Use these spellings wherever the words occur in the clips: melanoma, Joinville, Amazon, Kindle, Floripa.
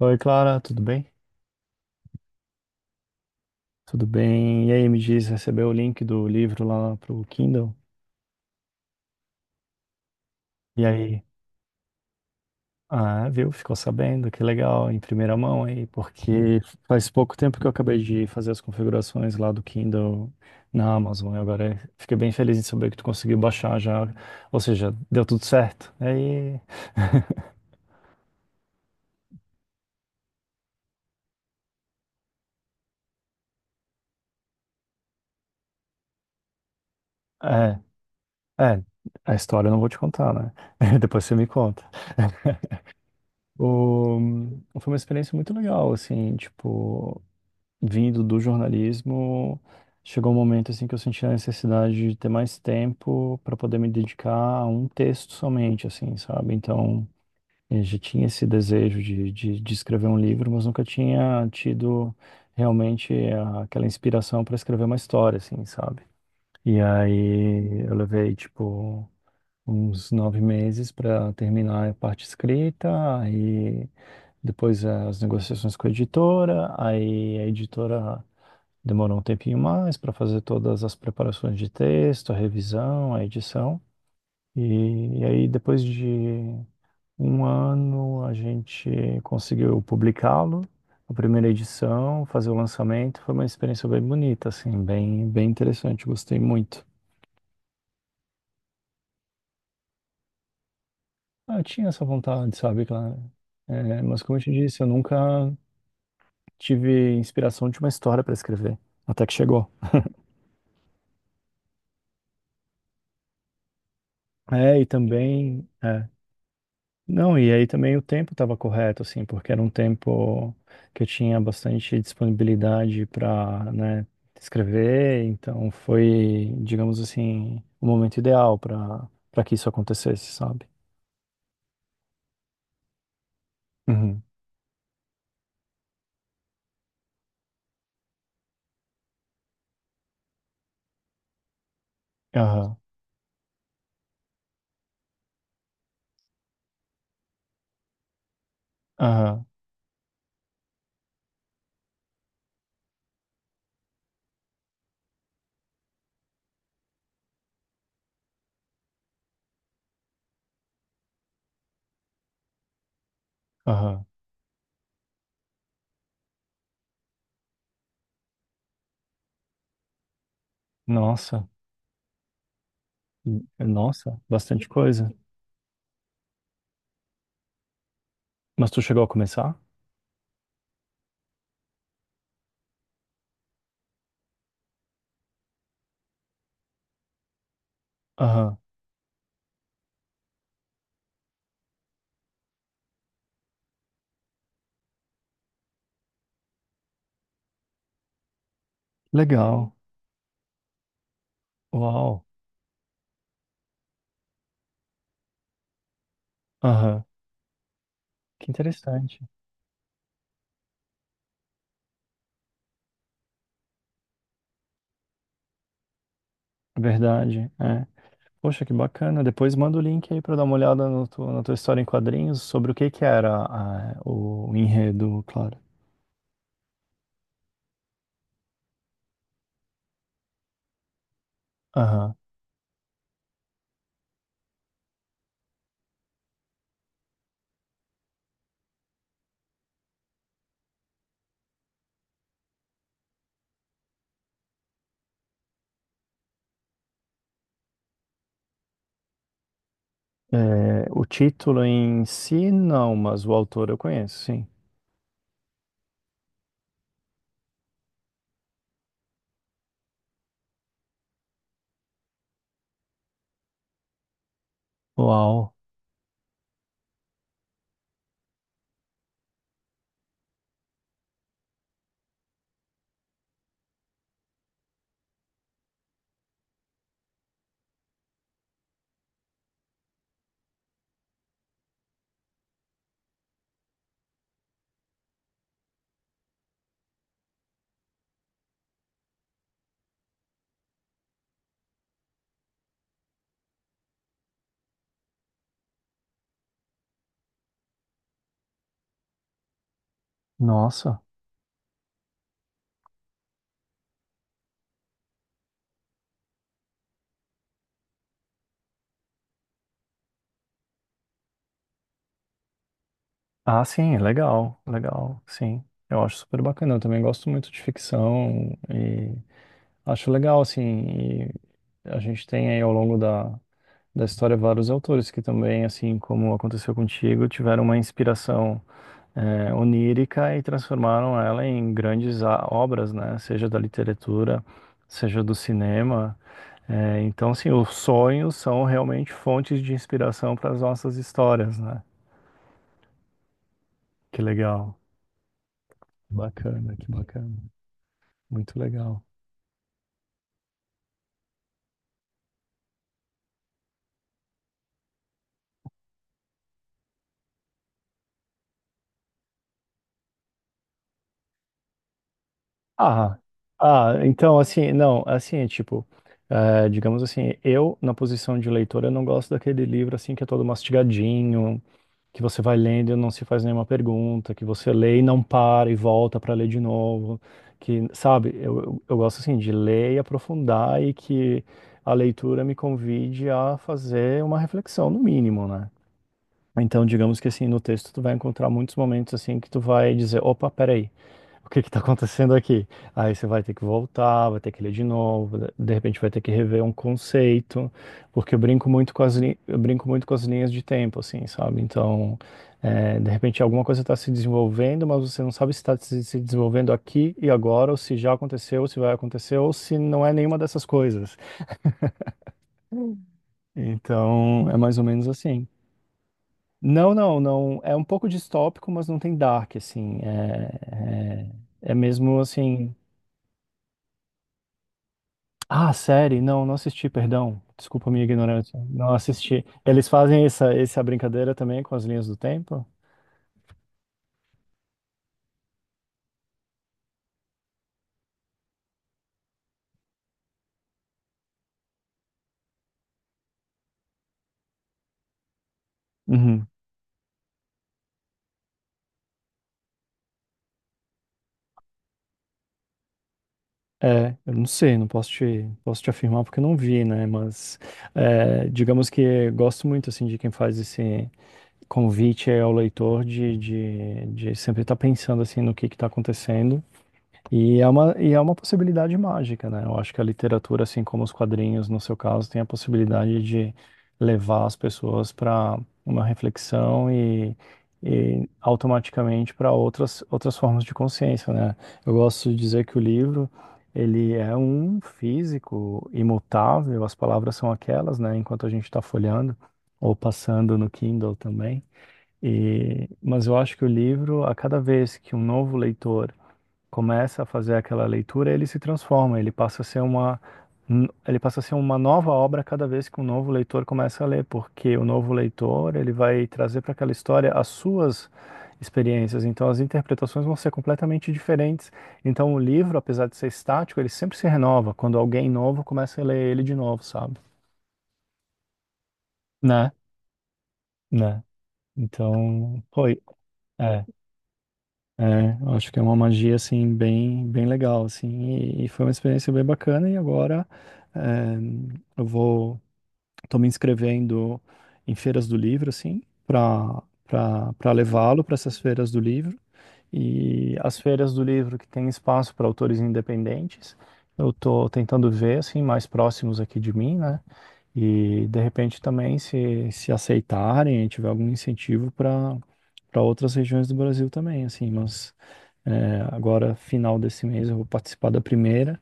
Oi, Clara, tudo bem? Tudo bem. E aí, me diz, recebeu o link do livro lá pro Kindle? E aí? Ah, viu? Ficou sabendo, que legal, em primeira mão aí, porque faz pouco tempo que eu acabei de fazer as configurações lá do Kindle na Amazon, e agora fiquei bem feliz em saber que tu conseguiu baixar já, ou seja, deu tudo certo. E aí, é, é, a história eu não vou te contar, né? Depois você me conta. O- Foi uma experiência muito legal, assim, tipo, vindo do jornalismo, chegou um momento assim que eu senti a necessidade de ter mais tempo para poder me dedicar a um texto somente, assim, sabe? Então, eu já tinha esse desejo de escrever um livro, mas nunca tinha tido realmente aquela inspiração para escrever uma história, assim, sabe? E aí eu levei, tipo, uns nove meses para terminar a parte escrita e depois as negociações com a editora, aí a editora demorou um tempinho mais para fazer todas as preparações de texto, a revisão, a edição. E aí, depois de um ano, a gente conseguiu publicá-lo, a primeira edição, fazer o lançamento. Foi uma experiência bem bonita, assim, bem, bem interessante. Gostei muito. Ah, eu tinha essa vontade, sabe, claro. É, mas como eu te disse, eu nunca tive inspiração de uma história para escrever, até que chegou. É, e também. Não, e aí também o tempo estava correto, assim, porque era um tempo que eu tinha bastante disponibilidade para, né, escrever, então foi, digamos assim, o momento ideal para que isso acontecesse, sabe? Uhum. Aham, aham, aham. Nossa, nossa, bastante coisa. Mas tu chegou a começar? Aham, legal, uau, aham, que interessante, verdade, é. Poxa, que bacana. Depois manda o link aí para dar uma olhada no na tua história em quadrinhos sobre o que que era o enredo, claro. Aham. É, o título em si, não, mas o autor eu conheço, sim. Uau, nossa. Ah, sim, legal, legal, sim. Eu acho super bacana. Eu também gosto muito de ficção e acho legal, assim. E a gente tem aí ao longo da história vários autores que também, assim como aconteceu contigo, tiveram uma inspiração. Onírica e transformaram ela em grandes obras, né? Seja da literatura, seja do cinema. Então, sim, os sonhos são realmente fontes de inspiração para as nossas histórias, né? Que legal. Bacana, que bacana. Muito legal. Ah, ah, então, assim, não, assim, é tipo, digamos assim, eu, na posição de leitor, eu não gosto daquele livro, assim, que é todo mastigadinho, que você vai lendo e não se faz nenhuma pergunta, que você lê e não para e volta para ler de novo, que, sabe, eu gosto assim de ler e aprofundar e que a leitura me convide a fazer uma reflexão, no mínimo, né? Então, digamos que assim, no texto tu vai encontrar muitos momentos assim que tu vai dizer, opa, peraí, o que que tá acontecendo aqui? Aí você vai ter que voltar, vai ter que ler de novo, de repente vai ter que rever um conceito, porque eu brinco muito com as, linhas de tempo, assim, sabe? Então, é, de repente alguma coisa está se desenvolvendo, mas você não sabe se está se desenvolvendo aqui e agora, ou se já aconteceu, ou se vai acontecer, ou se não é nenhuma dessas coisas. Então, é mais ou menos assim. Não, não, não. É um pouco distópico, mas não tem dark, assim. É mesmo assim. Ah, série? Não, não assisti, perdão. Desculpa a minha ignorância. Não assisti. Eles fazem essa, essa brincadeira também com as linhas do tempo? Uhum. É, eu não sei, não posso te, posso te afirmar porque eu não vi, né? Mas é, digamos que gosto muito assim de quem faz esse convite ao leitor de sempre estar pensando assim no que está acontecendo. E é uma possibilidade mágica, né? Eu acho que a literatura, assim como os quadrinhos, no seu caso, tem a possibilidade de levar as pessoas para uma reflexão e automaticamente para outras, outras formas de consciência, né? Eu gosto de dizer que o livro, ele é um físico imutável, as palavras são aquelas, né? Enquanto a gente está folheando ou passando no Kindle também. E, mas eu acho que o livro, a cada vez que um novo leitor começa a fazer aquela leitura, ele se transforma, ele passa a ser uma nova obra cada vez que um novo leitor começa a ler, porque o novo leitor, ele vai trazer para aquela história as suas experiências, então as interpretações vão ser completamente diferentes. Então o livro, apesar de ser estático, ele sempre se renova quando alguém novo começa a ler ele de novo, sabe? Né? Né? Então, foi. É, eu acho que é uma magia assim bem bem legal assim e foi uma experiência bem bacana e agora eh, eu vou tô me inscrevendo em feiras do livro assim para levá-lo para essas feiras do livro e as feiras do livro que tem espaço para autores independentes. Eu tô tentando ver assim mais próximos aqui de mim, né? E de repente também, se aceitarem, tiver algum incentivo para para outras regiões do Brasil também, assim, mas é, agora, final desse mês, eu vou participar da primeira,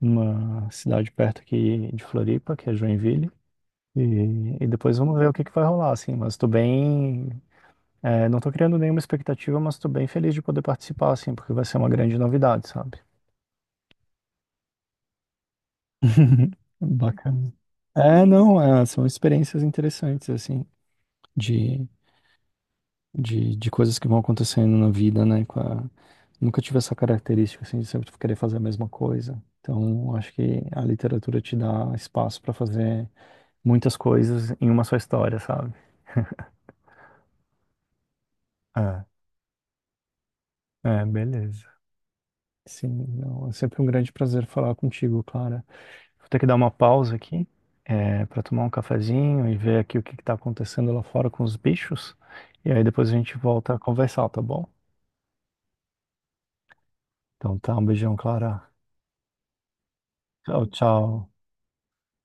numa cidade perto aqui de Floripa, que é Joinville, e depois vamos ver o que que vai rolar, assim, mas estou bem, é, não estou criando nenhuma expectativa, mas estou bem feliz de poder participar, assim, porque vai ser uma grande novidade, sabe? Bacana. É, não, é, são experiências interessantes, assim, de de coisas que vão acontecendo na vida, né? Nunca tive essa característica, assim, de sempre querer fazer a mesma coisa. Então, acho que a literatura te dá espaço para fazer muitas coisas em uma só história, sabe? Ah, é, beleza. Sim, não, é sempre um grande prazer falar contigo, Clara. Vou ter que dar uma pausa aqui, é, para tomar um cafezinho e ver aqui o que está acontecendo lá fora com os bichos. E aí depois a gente volta a conversar, tá bom? Então tá, um beijão, Clara. Tchau, tchau.